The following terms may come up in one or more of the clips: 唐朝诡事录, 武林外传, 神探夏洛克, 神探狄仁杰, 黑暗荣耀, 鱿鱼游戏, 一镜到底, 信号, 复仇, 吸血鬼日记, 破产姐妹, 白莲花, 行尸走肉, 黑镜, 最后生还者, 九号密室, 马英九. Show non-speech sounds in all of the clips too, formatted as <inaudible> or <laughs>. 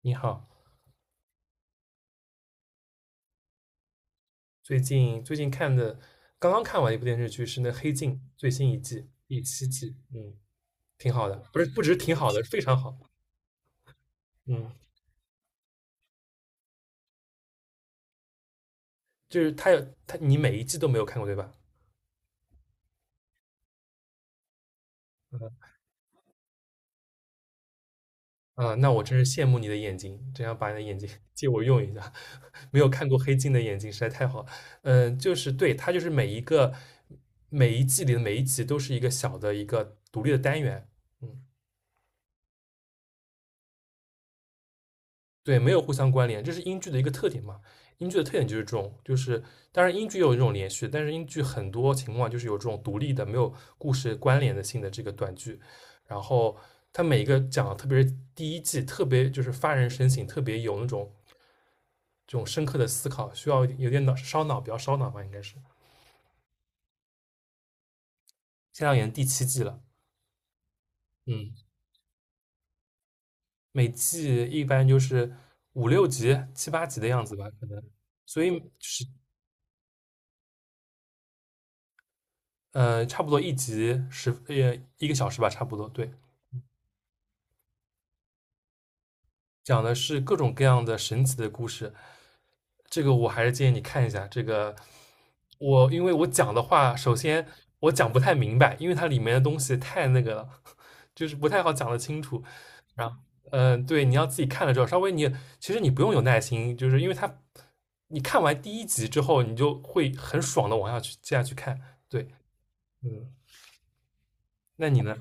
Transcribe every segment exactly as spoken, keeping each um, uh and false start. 你好。最近最近看的，刚刚看完一部电视剧是那《黑镜》最新一季第七季，嗯，挺好的。不是不只是挺好的，是非常好。嗯，就是它有它，你每一季都没有看过对吧？啊，那我真是羡慕你的眼睛，真想把你的眼睛 <laughs> 借我用一下，<laughs> 没有看过《黑镜》的眼睛实在太好了。嗯，就是对，它就是每一个每一季里的每一集都是一个小的一个独立的单元。嗯。对，没有互相关联，这是英剧的一个特点嘛。英剧的特点就是这种，就是当然英剧也有这种连续，但是英剧很多情况就是有这种独立的、没有故事关联的性的这个短剧。然后它每一个讲，特别是第一季，特别就是发人深省，特别有那种这种深刻的思考，需要有点脑烧脑，比较烧脑吧，应该是。现在演第七季了。嗯，每季一般就是五六集、七八集的样子吧，可能。所以就是呃，差不多一集十呃一个小时吧，差不多。对，讲的是各种各样的神奇的故事。这个我还是建议你看一下。这个我因为我讲的话，首先我讲不太明白，因为它里面的东西太那个了，<laughs> 就是不太好讲得清楚。然后，嗯、呃对，你要自己看了之后，稍微你其实你不用有耐心，就是因为它你看完第一集之后，你就会很爽的往下去接下去看。对。嗯，那你呢？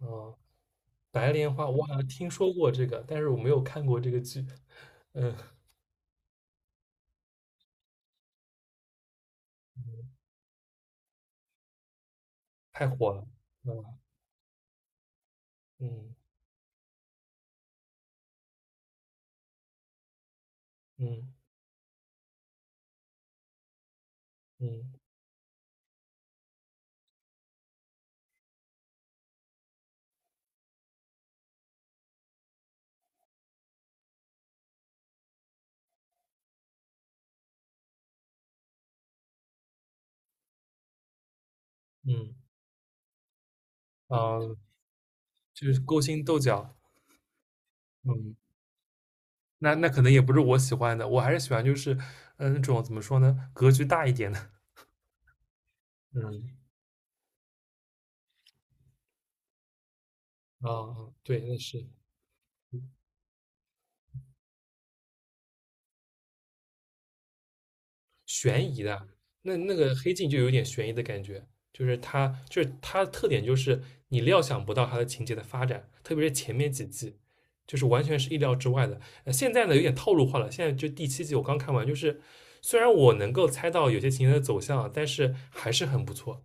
嗯，白莲花，我好像听说过这个，但是我没有看过这个剧。嗯，太火了。嗯。嗯。嗯。嗯。嗯。啊，就是勾心斗角。嗯，那那可能也不是我喜欢的，我还是喜欢就是，嗯，那种怎么说呢，格局大一点的。嗯，啊，对，那是。那那个黑镜就有点悬疑的感觉，就是它就是它的特点就是你料想不到它的情节的发展，特别是前面几季，就是完全是意料之外的。呃，现在呢有点套路化了，现在就第七季我刚看完，就是虽然我能够猜到有些情节的走向，但是还是很不错。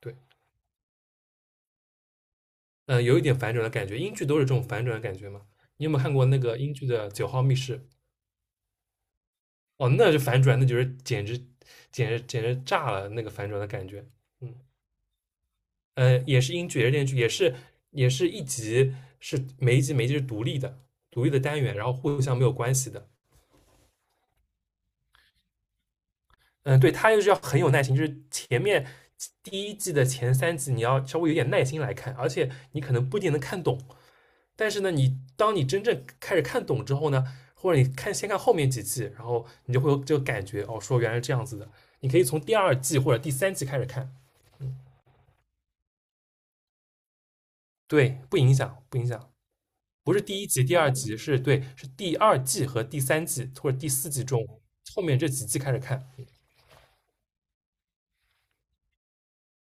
对，呃，有一点反转的感觉，英剧都是这种反转的感觉嘛。你有没有看过那个英剧的《九号密室》？哦，那就反转，那就是简直简直简直炸了那个反转的感觉。嗯，呃，也是英剧，也是电视剧，也是也是一集是每一集每一集是独立的，独立的单元，然后互相没有关系的。嗯，对，它就是要很有耐心，就是前面第一季的前三集你要稍微有点耐心来看，而且你可能不一定能看懂。但是呢，你当你真正开始看懂之后呢，或者你看先看后面几季，然后你就会有这个感觉，哦，说原来是这样子的。你可以从第二季或者第三季开始看。对，不影响，不影响。不是第一集、第二集，是，对，是第二季和第三季或者第四季中后面这几季开始看。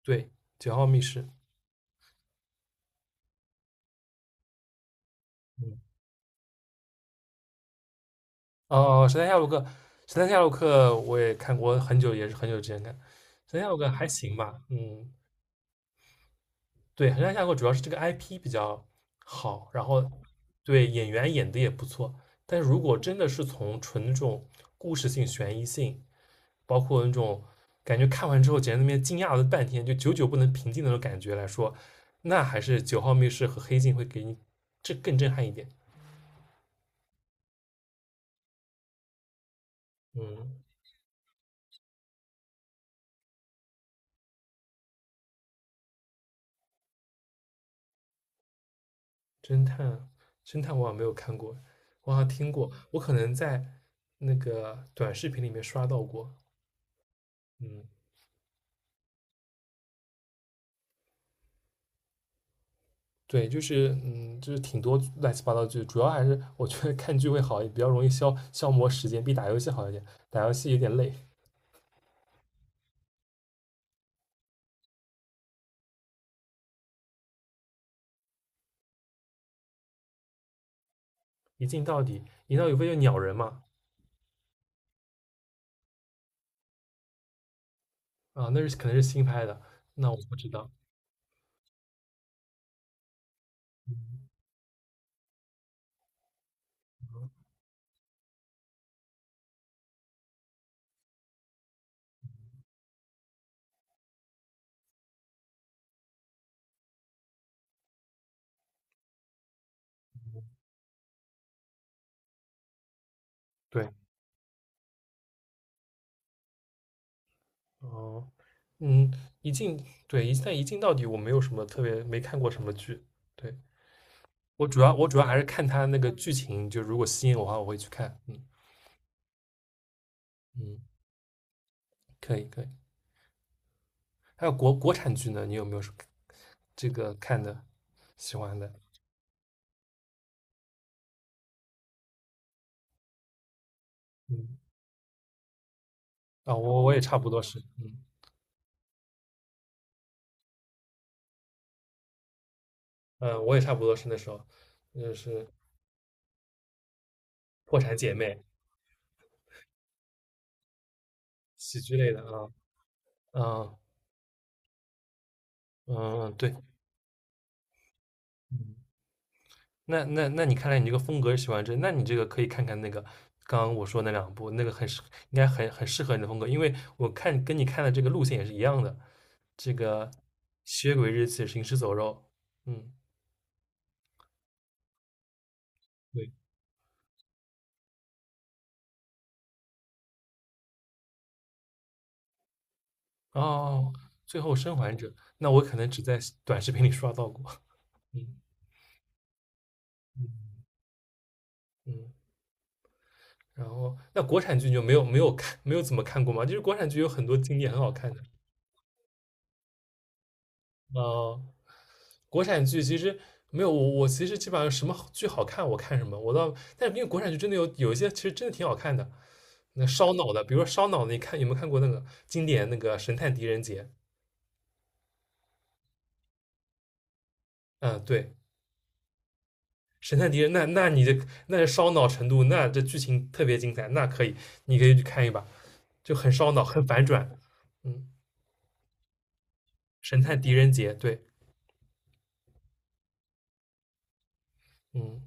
对，《九号密室》。嗯，哦，《神探夏洛克》，《神探夏洛克》我也看过很久，也是很久之前看，《神探夏洛克》还行吧。嗯，对，《神探夏洛克》主要是这个 I P 比较好，然后对演员演的也不错，但是如果真的是从纯那种故事性、悬疑性，包括那种感觉看完之后，简直那边惊讶了半天，就久久不能平静的那种感觉来说，那还是九号密室和黑镜会给你这更震撼一点。嗯，侦探，侦探我好像没有看过，我好像听过，我可能在那个短视频里面刷到过。嗯，对，就是嗯，就是挺多乱七八糟剧，主要还是我觉得看剧会好，也比较容易消消磨时间，比打游戏好一点。打游戏有点累。一镜到底，一镜到底不就鸟人嘛？啊，那是可能是新拍的，那我不知道。对，哦，嗯，一镜，对，一但一镜到底我没有什么特别，没看过什么剧。对，我主要我主要还是看他那个剧情，就如果吸引我的话，我会去看。嗯。嗯，可以可以。还有国国产剧呢，你有没有什么这个看的喜欢的？嗯，啊，我我也差不多是，嗯。嗯，呃我也差不多是那时候，就是《破产姐妹》喜剧类的啊。嗯。嗯。嗯，对，嗯，那那那你看来你这个风格是喜欢这，那你这个可以看看那个刚刚我说那两部，那个很适，应该很很适合你的风格，因为我看跟你看的这个路线也是一样的，这个吸血鬼日记、行尸走肉。嗯，对，哦，最后生还者，那我可能只在短视频里刷到过。嗯。嗯。嗯，然后那国产剧你就没有没有看没有怎么看过吗？就是国产剧有很多经典很好看的。呃，国产剧其实没有我，我其实基本上什么剧好看我看什么，我倒，但是因为国产剧真的有有一些其实真的挺好看的。那烧脑的，比如说烧脑的，你看有没有看过那个经典那个《神探狄仁杰》？嗯，对，《神探狄仁》，那那你这那是烧脑程度，那这剧情特别精彩，那可以，你可以去看一把，就很烧脑，很反转。嗯，《神探狄仁杰》，对。嗯。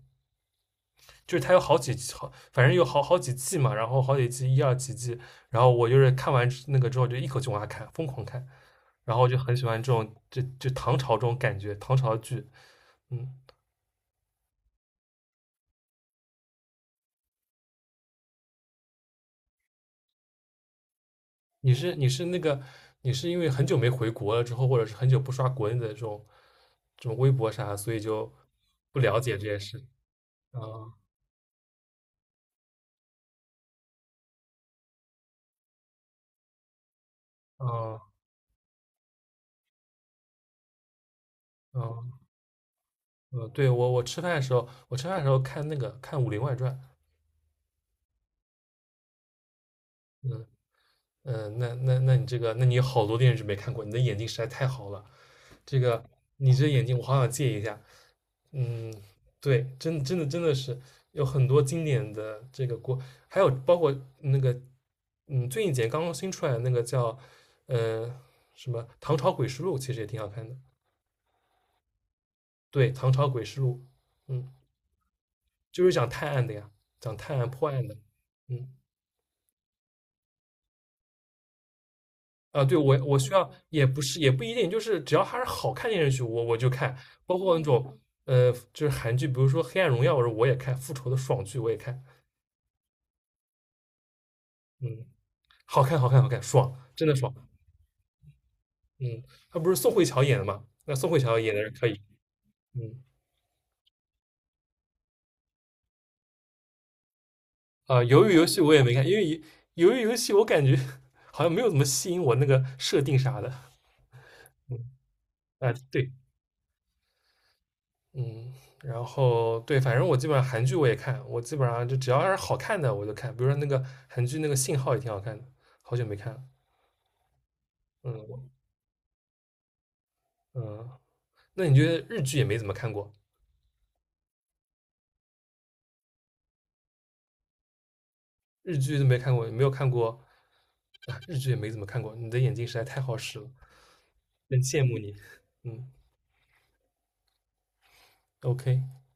就是它有好几好，反正有好好几季嘛，然后好几季一二几季，然后我就是看完那个之后就一口气往下看，疯狂看，然后我就很喜欢这种就就唐朝这种感觉，唐朝剧。嗯，你是你是那个你是因为很久没回国了之后，或者是很久不刷国内的这种这种微博啥，所以就不了解这件事。啊啊啊啊，对，我我吃饭的时候，我吃饭的时候看那个看《武林外传》。嗯。嗯，那那那你这个，那你有好多电视剧没看过，你的眼睛实在太好了。这个，你这眼睛我好想借一下。嗯，对，真真的真的是有很多经典的这个国，还有包括那个，嗯，最近几年刚刚新出来的那个叫，呃，什么《唐朝诡事录》，其实也挺好看的。对，《唐朝诡事录》，嗯，就是讲探案的呀，讲探案破案的。嗯。啊，对，我我需要也不是也不一定，就是只要它是好看电视剧，我我就看，包括那种呃，就是韩剧，比如说《黑暗荣耀》，我说我也看，《复仇》的爽剧我也看。嗯，好看，好看，好看，爽，真的爽。嗯，他不是宋慧乔演的嘛？那宋慧乔演的是可以。嗯，啊，鱿鱼游戏我也没看，因为鱿鱼游戏我感觉 <laughs> 好像没有怎么吸引我那个设定啥的。嗯，啊，对，嗯，然后对，反正我基本上韩剧我也看，我基本上就只要是好看的我就看，比如说那个韩剧那个《信号》也挺好看的，好久没看了。嗯我嗯，那你觉得日剧也没怎么看过？日剧都没看过，也没有看过，啊，日剧也没怎么看过。你的眼睛实在太好使了，很羡慕你。嗯，OK。